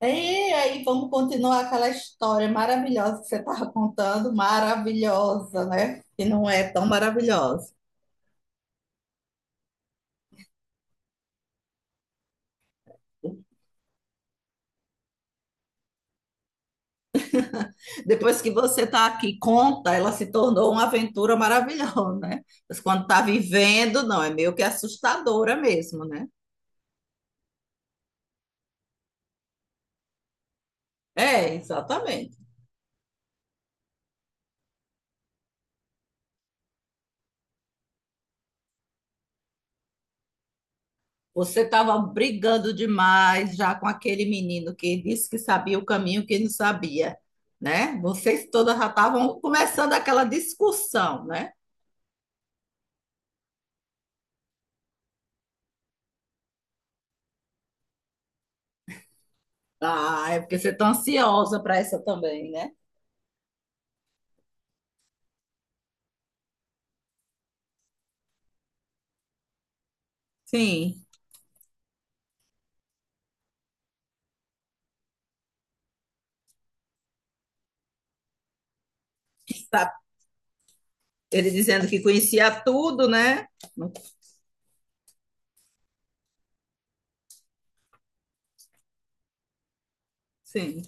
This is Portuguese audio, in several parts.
E aí, vamos continuar aquela história maravilhosa que você estava contando, maravilhosa, né? Que não é tão maravilhosa. Depois que você está aqui, conta, ela se tornou uma aventura maravilhosa, né? Mas quando está vivendo, não, é meio que assustadora mesmo, né? É, exatamente. Você estava brigando demais já com aquele menino que disse que sabia o caminho que não sabia, né? Vocês todas já estavam começando aquela discussão, né? Ah, é porque você está ansiosa para essa também, né? Sim. Tá, ele dizendo que conhecia tudo, né? Não, sim.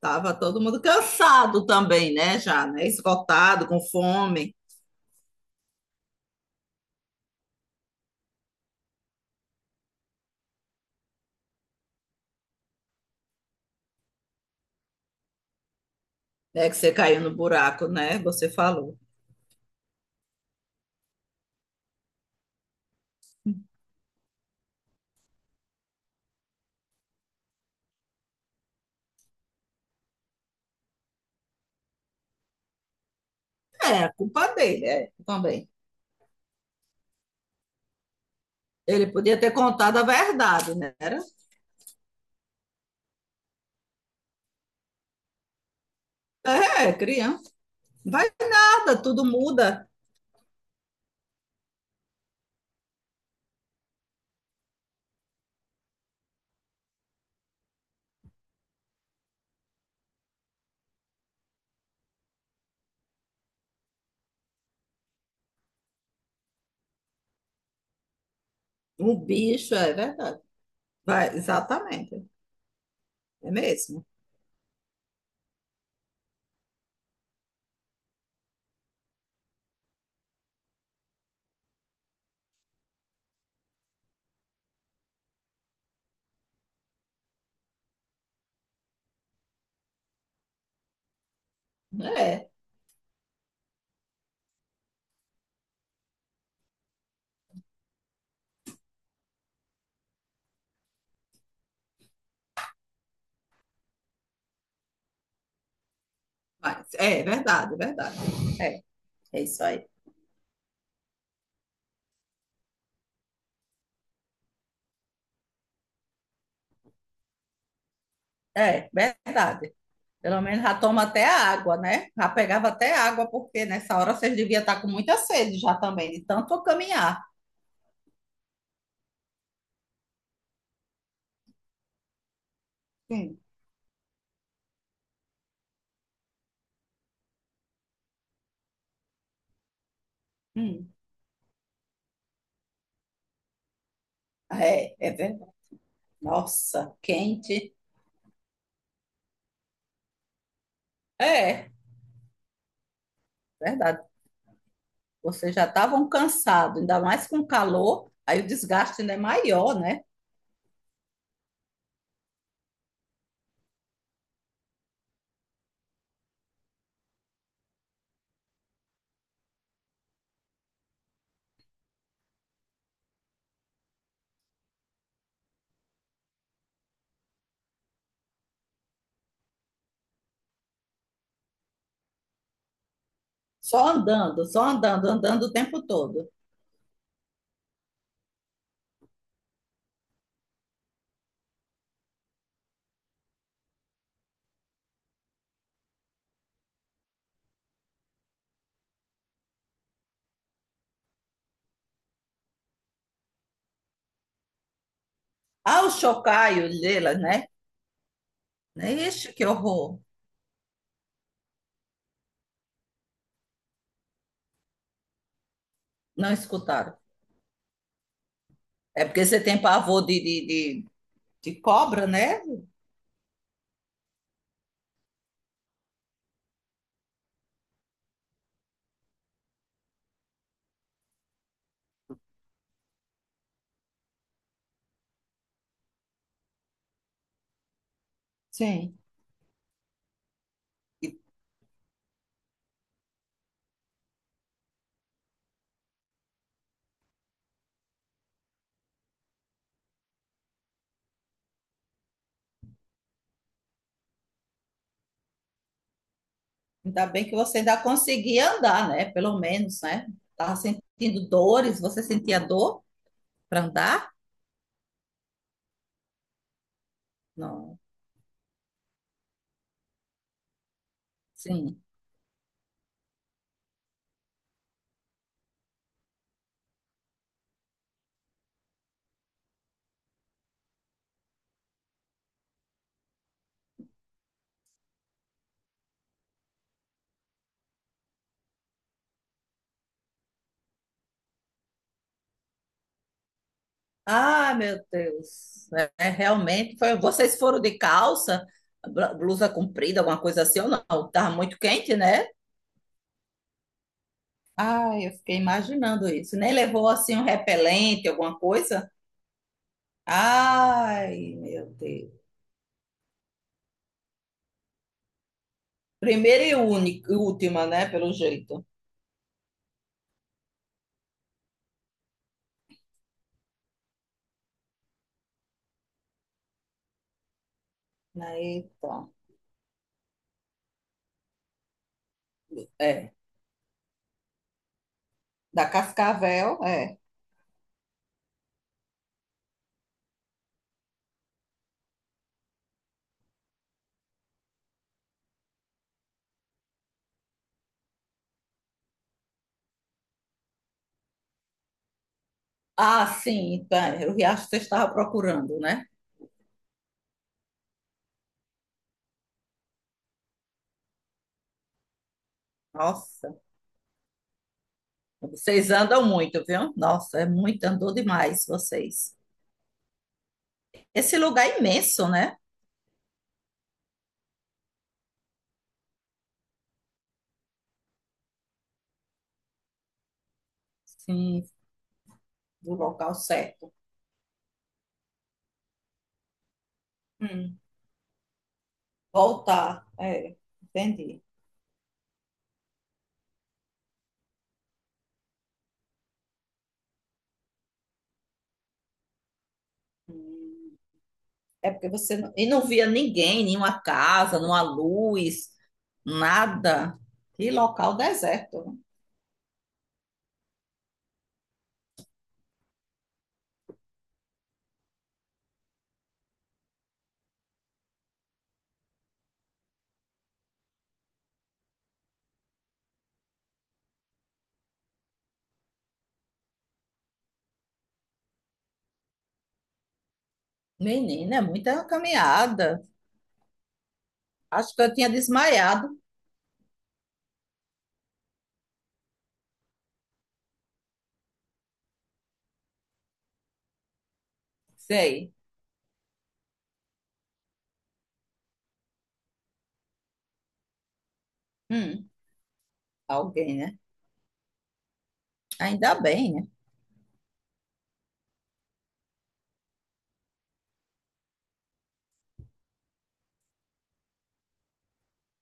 Tava todo mundo cansado também, né? Já, né? Esgotado, com fome, né? Que você caiu no buraco, né? Você falou. É, a culpa dele, é, também. Ele podia ter contado a verdade, né? Era, é, criança. Vai nada, tudo muda. Um bicho, é verdade. Vai, exatamente. É mesmo? É, mas, é verdade, é verdade. É. É isso aí. É, verdade. Pelo menos já toma até água, né? Já pegava até água, porque nessa hora vocês deviam estar com muita sede já também, de tanto caminhar. Hum, hum. É, é verdade. Nossa, quente. É, verdade. Vocês já estavam cansados, ainda mais com calor, aí o desgaste ainda é maior, né? Só andando, andando o tempo todo. Ah, o chocalho dela, né? Ixi, que horror. Não escutaram. É porque você tem pavor de cobra, né? Sim. E ainda bem que você ainda conseguia andar, né? Pelo menos, né? Tava sentindo dores, você sentia dor para andar? Não. Sim. Ah, meu Deus. É, é, realmente foi. Vocês foram de calça, blusa comprida, alguma coisa assim ou não? Tava muito quente, né? Ah, eu fiquei imaginando isso. Nem levou assim um repelente, alguma coisa? Ai, meu Deus. Primeira e única, última, né? Pelo jeito. Eita. É, da cascavel, é. Ah, sim, tá, o riacho que você estava procurando, né? Nossa, vocês andam muito, viu? Nossa, é muito, andou demais vocês. Esse lugar é imenso, né? Sim, do local certo. Hum, voltar, é, entendi. Hum, é porque você não, e não via ninguém, nenhuma casa, nenhuma luz, nada. Que local deserto, né? Menina, é muita caminhada. Acho que eu tinha desmaiado. Sei. Hum, alguém, né? Ainda bem, né?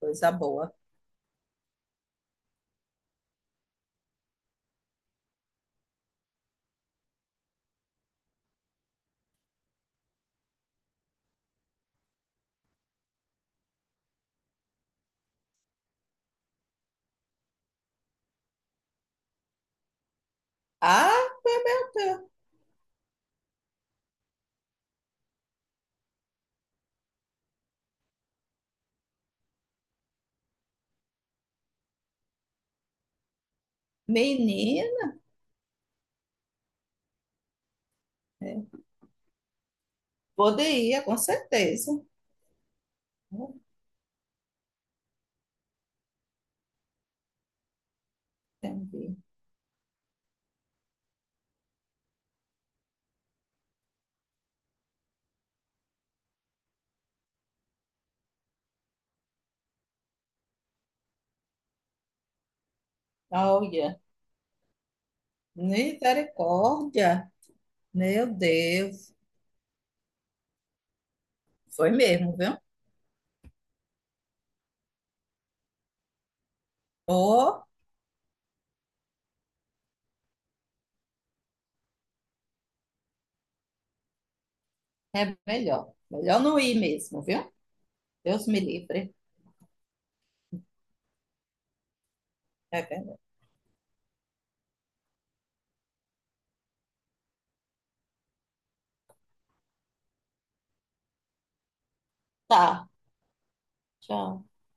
Coisa boa. Ah, meu Deus. Menino, é, poderia, com certeza. Entendi. Olha, misericórdia. Meu Deus. Foi mesmo, viu? Ou é melhor. Melhor não ir mesmo, viu? Deus me livre. É verdade. Tá. Tchau.